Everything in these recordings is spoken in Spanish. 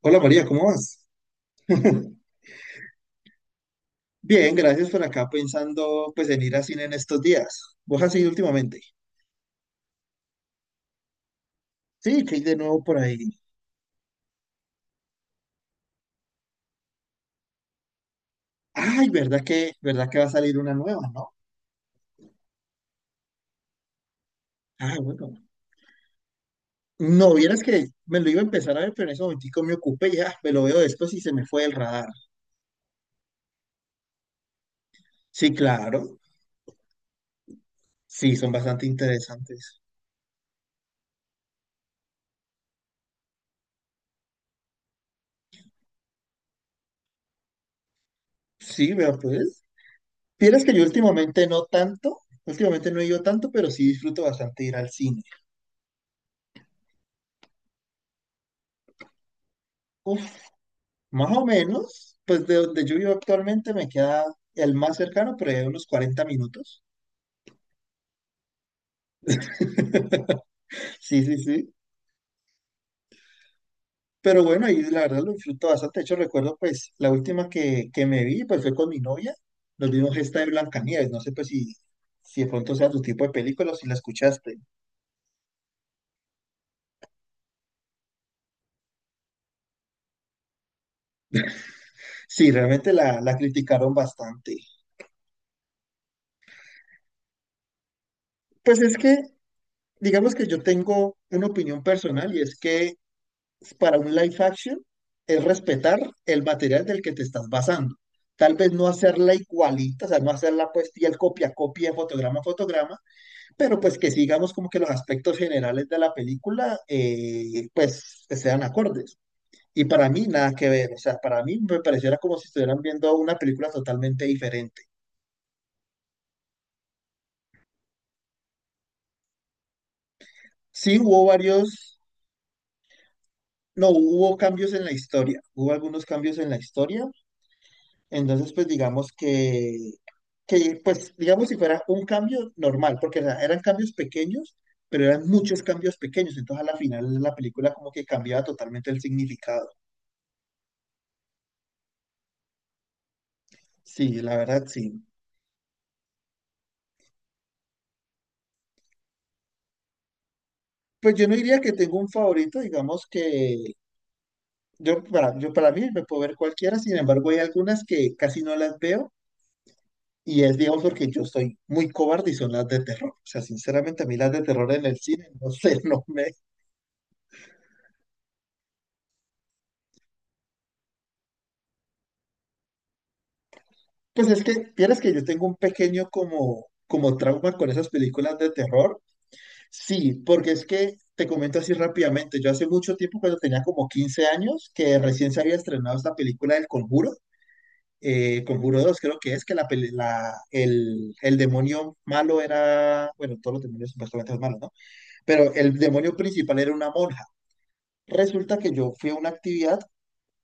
Hola María, ¿cómo vas? Bien, gracias por acá pensando pues en ir a cine en estos días. ¿Vos has ido últimamente? Sí, que hay de nuevo por ahí. Ay, ¿verdad que va a salir una nueva, ¿no? Ah, bueno. No, vieras que me lo iba a empezar a ver, pero en ese momentico me ocupé ya, me lo veo después y se me fue el radar. Sí, claro. Sí, son bastante interesantes. Sí, vea pues. Vieras que yo últimamente no tanto, últimamente no he ido tanto, pero sí disfruto bastante ir al cine. Uf. Más o menos, pues de donde yo vivo actualmente me queda el más cercano, pero ya unos 40 minutos. Sí, sí, sí. Pero bueno, y la verdad lo disfruto bastante. De hecho, recuerdo pues la última que me vi, pues fue con mi novia. Nos vimos esta de Blancanieves. No sé pues si de pronto sea tu tipo de película o si la escuchaste. Sí, realmente la criticaron bastante. Pues es que, digamos que yo tengo una opinión personal y es que para un live action es respetar el material del que te estás basando. Tal vez no hacerla igualita, o sea, no hacerla pues el copia, a copia, fotograma, a fotograma, pero pues que sigamos como que los aspectos generales de la película pues sean acordes. Y para mí nada que ver, o sea, para mí me pareciera como si estuvieran viendo una película totalmente diferente. Sí hubo varios, no, hubo cambios en la historia, hubo algunos cambios en la historia. Entonces, pues digamos que, pues digamos si fuera un cambio normal, porque eran cambios pequeños, pero eran muchos cambios pequeños. Entonces, a la final la película como que cambiaba totalmente el significado. Sí, la verdad, sí. Pues yo no diría que tengo un favorito, digamos que yo para mí me puedo ver cualquiera, sin embargo hay algunas que casi no las veo y es, digamos, porque yo soy muy cobarde y son las de terror. O sea, sinceramente a mí las de terror en el cine, no sé, no me. Pues es que, vieras que yo tengo un pequeño como trauma con esas películas de terror. Sí, porque es que te comento así rápidamente. Yo hace mucho tiempo, cuando tenía como 15 años, que recién se había estrenado esta película del Conjuro, Conjuro dos, creo que es, que la, peli- la- el demonio malo era, bueno, todos los demonios supuestamente son malos, ¿no? Pero el demonio principal era una monja. Resulta que yo fui a una actividad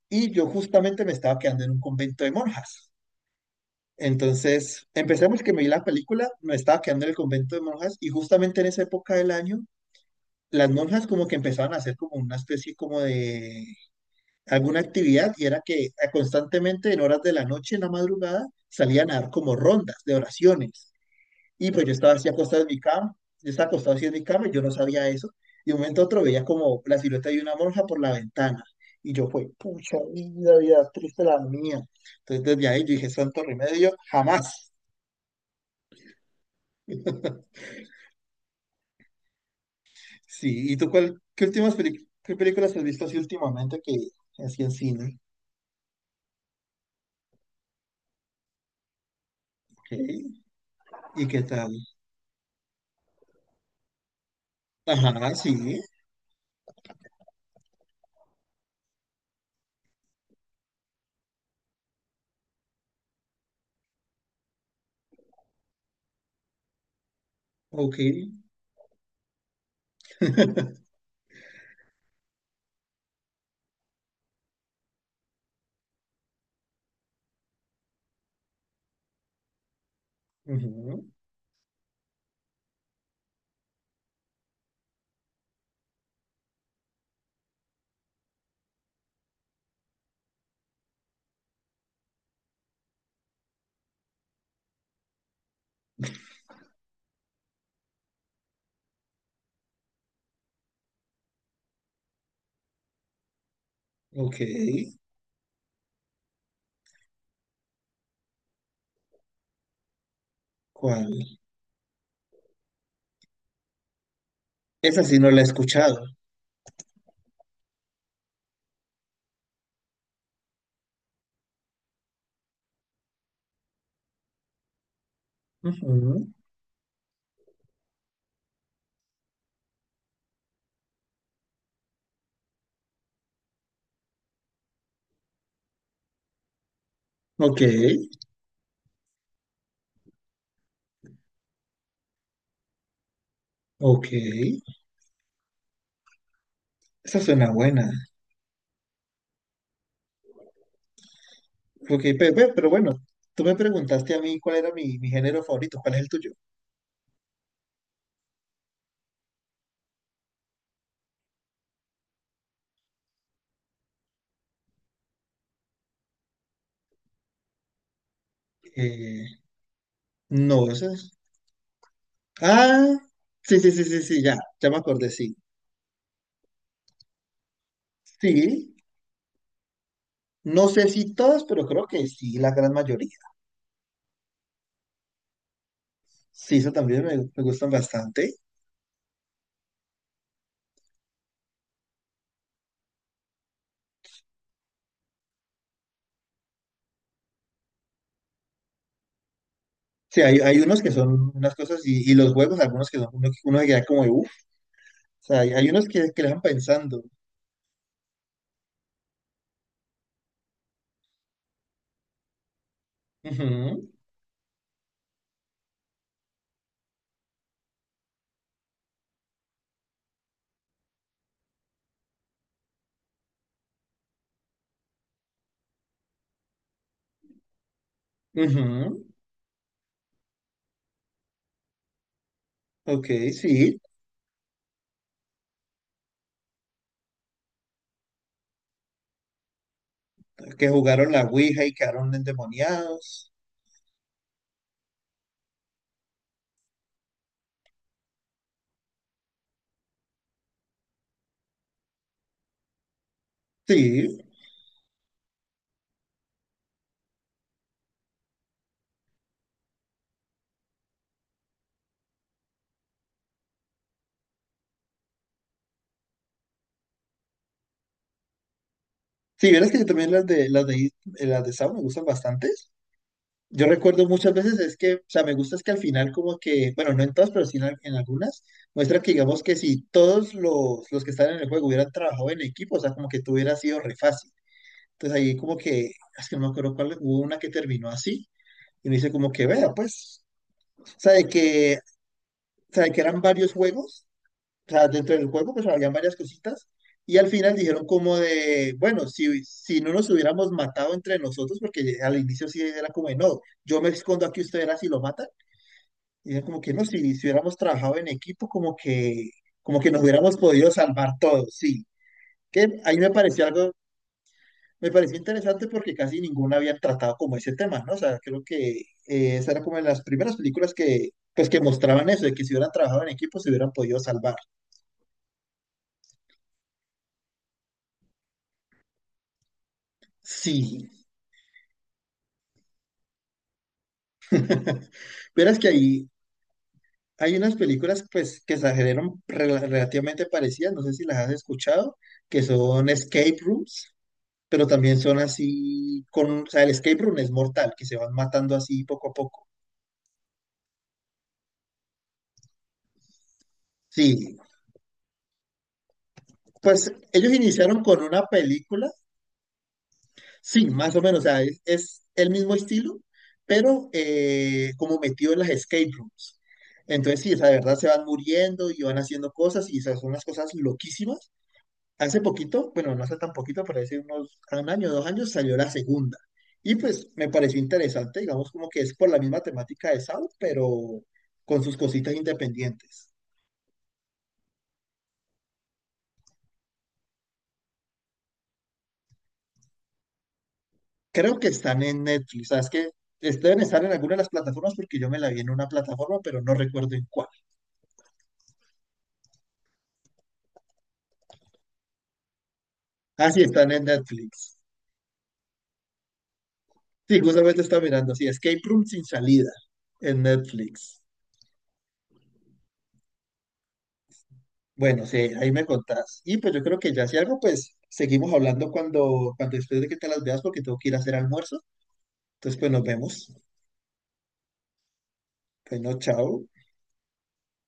y yo justamente me estaba quedando en un convento de monjas. Entonces, empezamos que me vi la película, me estaba quedando en el convento de monjas y justamente en esa época del año, las monjas como que empezaban a hacer como una especie como de alguna actividad y era que constantemente en horas de la noche, en la madrugada, salían a dar como rondas de oraciones. Y pues yo estaba así acostado en mi cama, yo estaba acostado así en mi cama y yo no sabía eso. Y de un momento a otro veía como la silueta de una monja por la ventana. Y yo fue, pucha vida, vida triste la mía. Entonces desde ahí yo dije, santo remedio, jamás. Sí, ¿y tú cuál, qué películas has visto así últimamente que así en cine? Ok, ¿y qué tal? Ajá, sí, ok. Ujú. Ok, ¿cuál? Esa sí no la he escuchado. Ujú. Ok, ok. Esa suena buena. Ok, pero, bueno, tú me preguntaste a mí cuál era mi género favorito, ¿cuál es el tuyo? Eh, no, ese es... Ah, sí, sí, sí, sí, sí, ya, ya me acordé, sí. Sí. No sé si todas, pero creo que sí, la gran mayoría. Sí, eso también me gustan bastante. Sí, hay unos que son unas cosas y los juegos, algunos que son uno que queda como de uff. O sea, hay unos que le van pensando. Ujú, ujú. Ok, sí, que jugaron la Ouija y quedaron endemoniados. Sí, sí, verás que también las de Saw me gustan bastante. Yo recuerdo muchas veces es que, o sea, me gusta es que al final como que, bueno, no en todas, pero sí en, en algunas, muestran que digamos que si todos los que están en el juego hubieran trabajado en equipo, o sea, como que tú hubiera sido re fácil. Entonces ahí como que, es que no me acuerdo cuál, hubo una que terminó así, y me dice como que, vea, pues, o sea, de que, o sea, de que eran varios juegos, o sea, dentro del juego pues habían varias cositas, y al final dijeron como de, bueno, si no nos hubiéramos matado entre nosotros, porque al inicio sí era como de, no, yo me escondo aquí, ustedes así lo matan. Y es como que no, si hubiéramos trabajado en equipo, como que nos hubiéramos podido salvar todos, sí. Que ahí me pareció algo, me pareció interesante porque casi ninguna había tratado como ese tema, ¿no? O sea, creo que esa era como de las primeras películas que, pues, que mostraban eso, de que si hubieran trabajado en equipo se hubieran podido salvar. Sí. Verás que ahí hay unas películas, pues, que se generan relativamente parecidas, no sé si las has escuchado, que son Escape Rooms. Pero también son así con, o sea, el escape room es mortal, que se van matando así poco a poco. Sí, pues ellos iniciaron con una película, sí, más o menos, o sea, es el mismo estilo, pero como metido en las escape rooms. Entonces, sí, o sea, de verdad se van muriendo y van haciendo cosas y esas son unas cosas loquísimas. Hace poquito, bueno, no hace tan poquito, por decir unos un año, 2 años, salió la segunda. Y pues me pareció interesante, digamos como que es por la misma temática de Saw, pero con sus cositas independientes. Creo que están en Netflix, ¿sabes que deben estar en alguna de las plataformas porque yo me la vi en una plataforma, pero no recuerdo en cuál? Ah, sí, están en Netflix. Sí, justamente está mirando, sí, Escape Room sin salida en Netflix. Bueno, sí, ahí me contás. Y pues yo creo que ya si algo, pues seguimos hablando cuando después de que te las veas, porque tengo que ir a hacer almuerzo. Entonces, pues nos vemos. Bueno, chao.